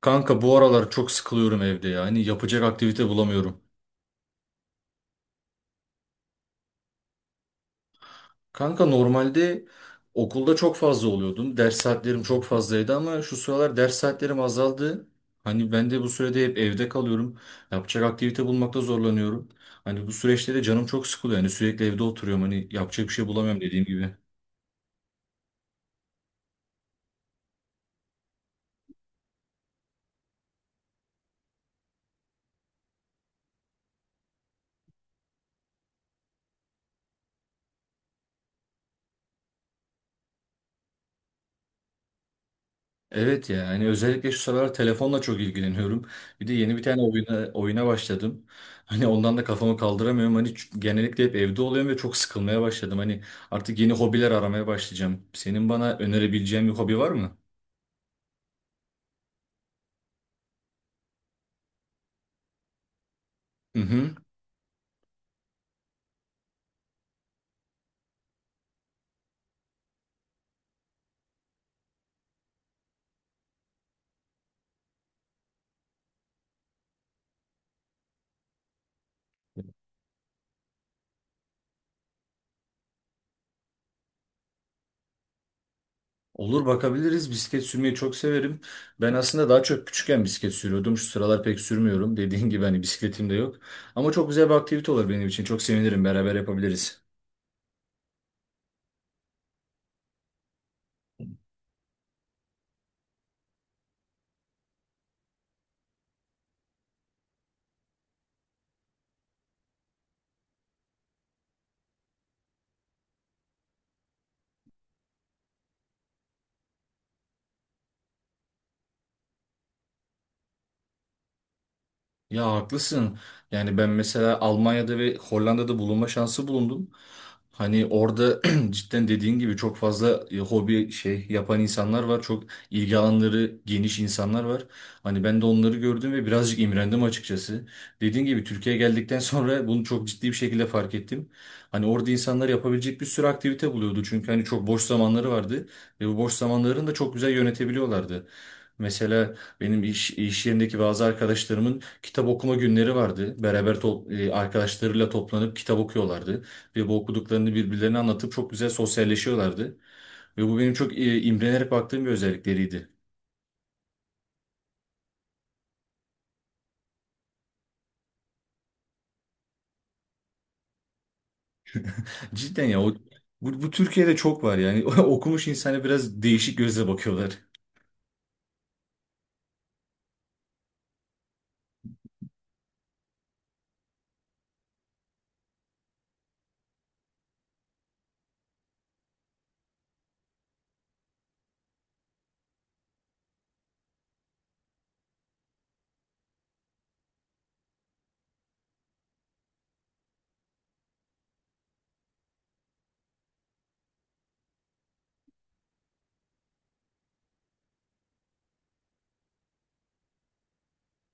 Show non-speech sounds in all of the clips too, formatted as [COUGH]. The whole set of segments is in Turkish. Kanka bu aralar çok sıkılıyorum evde ya. Hani yapacak aktivite bulamıyorum. Kanka normalde okulda çok fazla oluyordum. Ders saatlerim çok fazlaydı ama şu sıralar ders saatlerim azaldı. Hani ben de bu sürede hep evde kalıyorum. Yapacak aktivite bulmakta zorlanıyorum. Hani bu süreçte de canım çok sıkılıyor. Hani sürekli evde oturuyorum. Hani yapacak bir şey bulamıyorum dediğim gibi. Evet ya, hani özellikle şu sıralar telefonla çok ilgileniyorum. Bir de yeni bir tane oyuna başladım. Hani ondan da kafamı kaldıramıyorum. Hani genellikle hep evde oluyorum ve çok sıkılmaya başladım. Hani artık yeni hobiler aramaya başlayacağım. Senin bana önerebileceğin bir hobi var mı? Hı hı. Olur, bakabiliriz. Bisiklet sürmeyi çok severim. Ben aslında daha çok küçükken bisiklet sürüyordum. Şu sıralar pek sürmüyorum. Dediğin gibi hani bisikletim de yok. Ama çok güzel bir aktivite olur benim için. Çok sevinirim. Beraber yapabiliriz. Ya haklısın. Yani ben mesela Almanya'da ve Hollanda'da bulunma şansı bulundum. Hani orada [CLEARS THROAT] cidden dediğin gibi çok fazla hobi şey yapan insanlar var. Çok ilgi alanları geniş insanlar var. Hani ben de onları gördüm ve birazcık imrendim açıkçası. Dediğin gibi Türkiye'ye geldikten sonra bunu çok ciddi bir şekilde fark ettim. Hani orada insanlar yapabilecek bir sürü aktivite buluyordu. Çünkü hani çok boş zamanları vardı ve bu boş zamanlarını da çok güzel yönetebiliyorlardı. Mesela benim iş yerindeki bazı arkadaşlarımın kitap okuma günleri vardı. Beraber arkadaşlarıyla toplanıp kitap okuyorlardı. Ve bu okuduklarını birbirlerine anlatıp çok güzel sosyalleşiyorlardı. Ve bu benim çok imrenerek baktığım bir özellikleriydi. Cidden ya bu Türkiye'de çok var yani. [LAUGHS] Okumuş insana biraz değişik gözle bakıyorlar.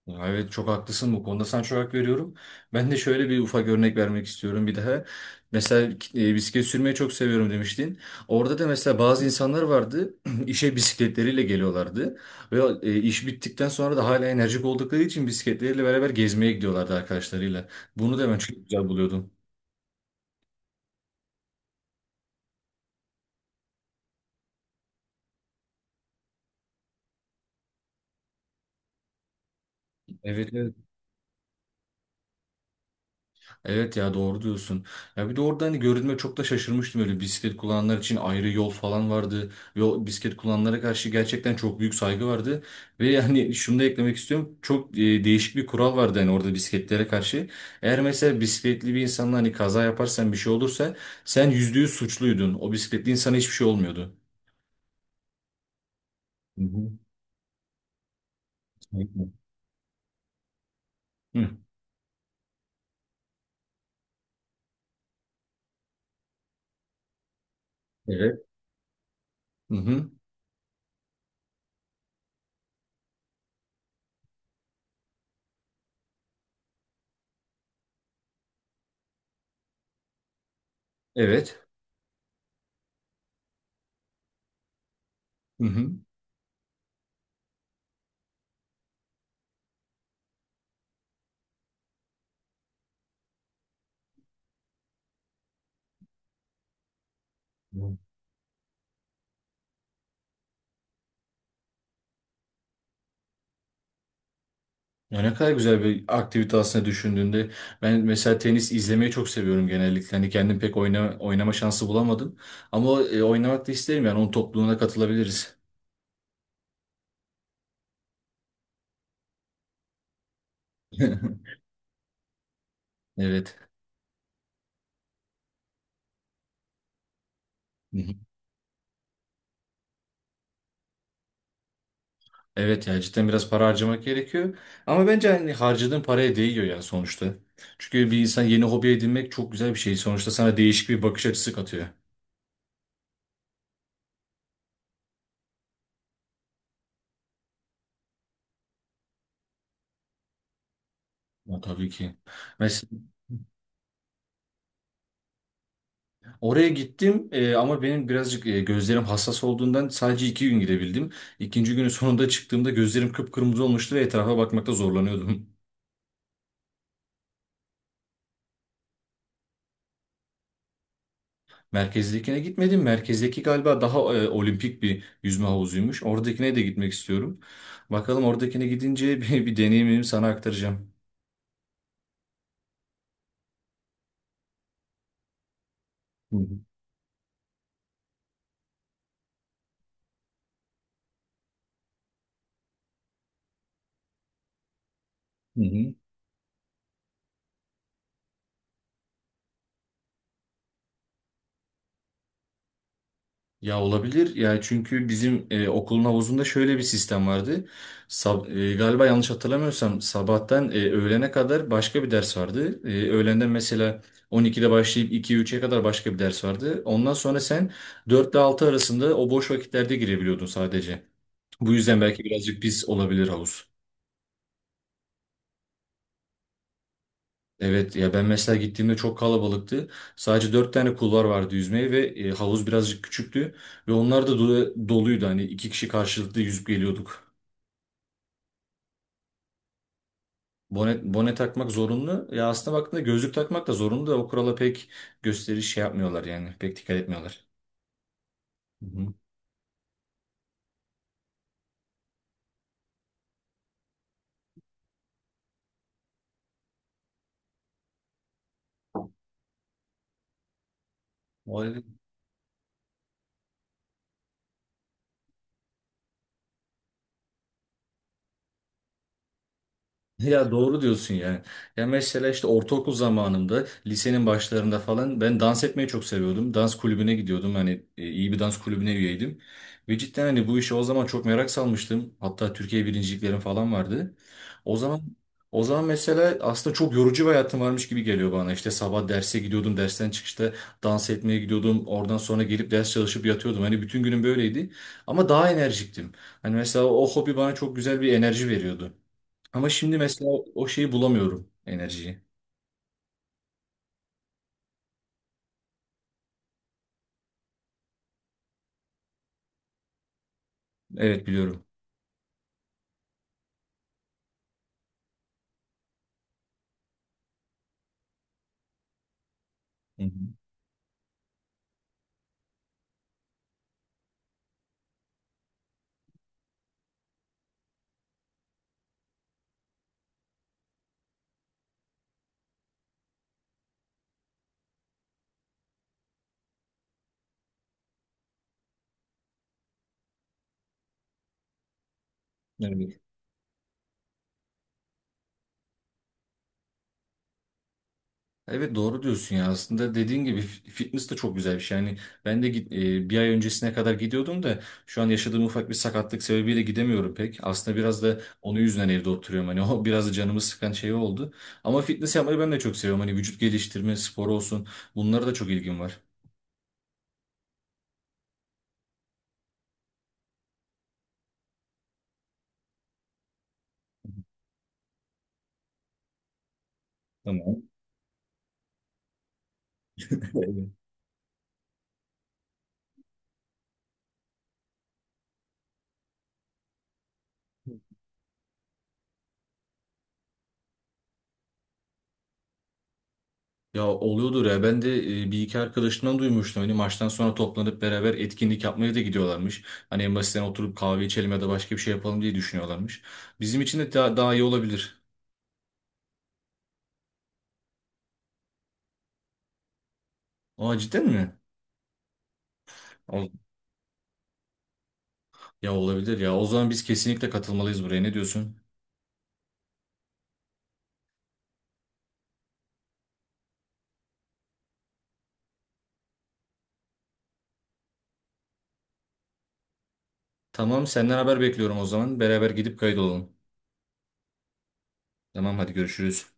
Ya, evet, çok haklısın bu konuda, sana çok hak veriyorum. Ben de şöyle bir ufak örnek vermek istiyorum bir daha. Mesela bisiklet sürmeyi çok seviyorum demiştin. Orada da mesela bazı insanlar vardı [CLEARS THROAT] işe bisikletleriyle geliyorlardı. Ve iş bittikten sonra da hala enerjik oldukları için bisikletleriyle beraber gezmeye gidiyorlardı arkadaşlarıyla. Bunu da ben çok güzel buluyordum. Evet, evet. Evet ya, doğru diyorsun. Ya bir de orada hani görünme çok da şaşırmıştım, öyle bisiklet kullananlar için ayrı yol falan vardı. Yol bisiklet kullananlara karşı gerçekten çok büyük saygı vardı. Ve yani şunu da eklemek istiyorum. Çok değişik bir kural vardı hani orada bisikletlere karşı. Eğer mesela bisikletli bir insanla hani kaza yaparsan bir şey olursa sen %100 suçluydun. O bisikletli insana hiçbir şey olmuyordu. Hı hı. Hı. Evet. Hı hı. Evet. Hı hı. Ya ne kadar güzel bir aktivite aslında düşündüğünde. Ben mesela tenis izlemeyi çok seviyorum genellikle. Hani kendim pek oynama şansı bulamadım. Ama oynamak da isterim, yani onun topluluğuna katılabiliriz. [LAUGHS] Evet. Hı hı. Evet ya, cidden biraz para harcamak gerekiyor. Ama bence hani harcadığın paraya değiyor ya, sonuçta. Çünkü bir insan yeni hobi edinmek çok güzel bir şey. Sonuçta sana değişik bir bakış açısı katıyor. Ya tabii ki. Mesela, oraya gittim, ama benim birazcık gözlerim hassas olduğundan sadece 2 gün gidebildim. İkinci günün sonunda çıktığımda gözlerim kıpkırmızı olmuştu ve etrafa bakmakta zorlanıyordum. [LAUGHS] Merkezdekine gitmedim. Merkezdeki galiba daha olimpik bir yüzme havuzuymuş. Oradakine de gitmek istiyorum. Bakalım, oradakine gidince [LAUGHS] bir deneyimimi sana aktaracağım. Hı hı. Hı hı. Ya olabilir. Yani çünkü bizim okulun havuzunda şöyle bir sistem vardı. Galiba yanlış hatırlamıyorsam sabahtan öğlene kadar başka bir ders vardı. Öğlenden mesela 12'de başlayıp 2-3'e kadar başka bir ders vardı. Ondan sonra sen 4 ile 6 arasında o boş vakitlerde girebiliyordun sadece. Bu yüzden, evet. belki birazcık pis olabilir havuz. Evet ya, ben mesela gittiğimde çok kalabalıktı. Sadece 4 tane kulvar vardı yüzmeye ve havuz birazcık küçüktü. Ve onlar da doluydu. Hani iki kişi karşılıklı yüzüp geliyorduk. Bone takmak zorunlu. Ya aslında baktığında gözlük takmak da zorunlu da, o kurala pek gösteriş şey yapmıyorlar yani. Pek dikkat etmiyorlar. Hı hı. O [LAUGHS] Ya, doğru diyorsun yani. Ya mesela işte ortaokul zamanımda, lisenin başlarında falan ben dans etmeyi çok seviyordum. Dans kulübüne gidiyordum. Hani iyi bir dans kulübüne üyeydim. Ve cidden hani bu işe o zaman çok merak salmıştım. Hatta Türkiye birinciliklerim falan vardı. O zaman o zaman mesela aslında çok yorucu bir hayatım varmış gibi geliyor bana. İşte sabah derse gidiyordum, dersten çıkışta dans etmeye gidiyordum. Oradan sonra gelip ders çalışıp yatıyordum. Hani bütün günüm böyleydi. Ama daha enerjiktim. Hani mesela o hobi bana çok güzel bir enerji veriyordu. Ama şimdi mesela o şeyi bulamıyorum, enerjiyi. Evet, biliyorum. Hı hı. Evet. Evet, doğru diyorsun ya. Aslında dediğin gibi fitness de çok güzel bir şey. Yani ben de bir ay öncesine kadar gidiyordum da şu an yaşadığım ufak bir sakatlık sebebiyle gidemiyorum pek. Aslında biraz da onun yüzünden evde oturuyorum. Hani [LAUGHS] o biraz da canımı sıkan şey oldu. Ama fitness yapmayı ben de çok seviyorum. Hani vücut geliştirme, spor olsun. Bunlara da çok ilgim var. Tamam. [LAUGHS] Ya oluyordur ya. Ben de bir iki arkadaşımdan duymuştum. Hani maçtan sonra toplanıp beraber etkinlik yapmaya da gidiyorlarmış. Hani en basitinden oturup kahve içelim ya da başka bir şey yapalım diye düşünüyorlarmış. Bizim için de daha iyi olabilir. Aa, cidden mi? Ol- Ya, olabilir ya. O zaman biz kesinlikle katılmalıyız buraya. Ne diyorsun? Tamam, senden haber bekliyorum o zaman. Beraber gidip kayıt olalım. Tamam, hadi görüşürüz.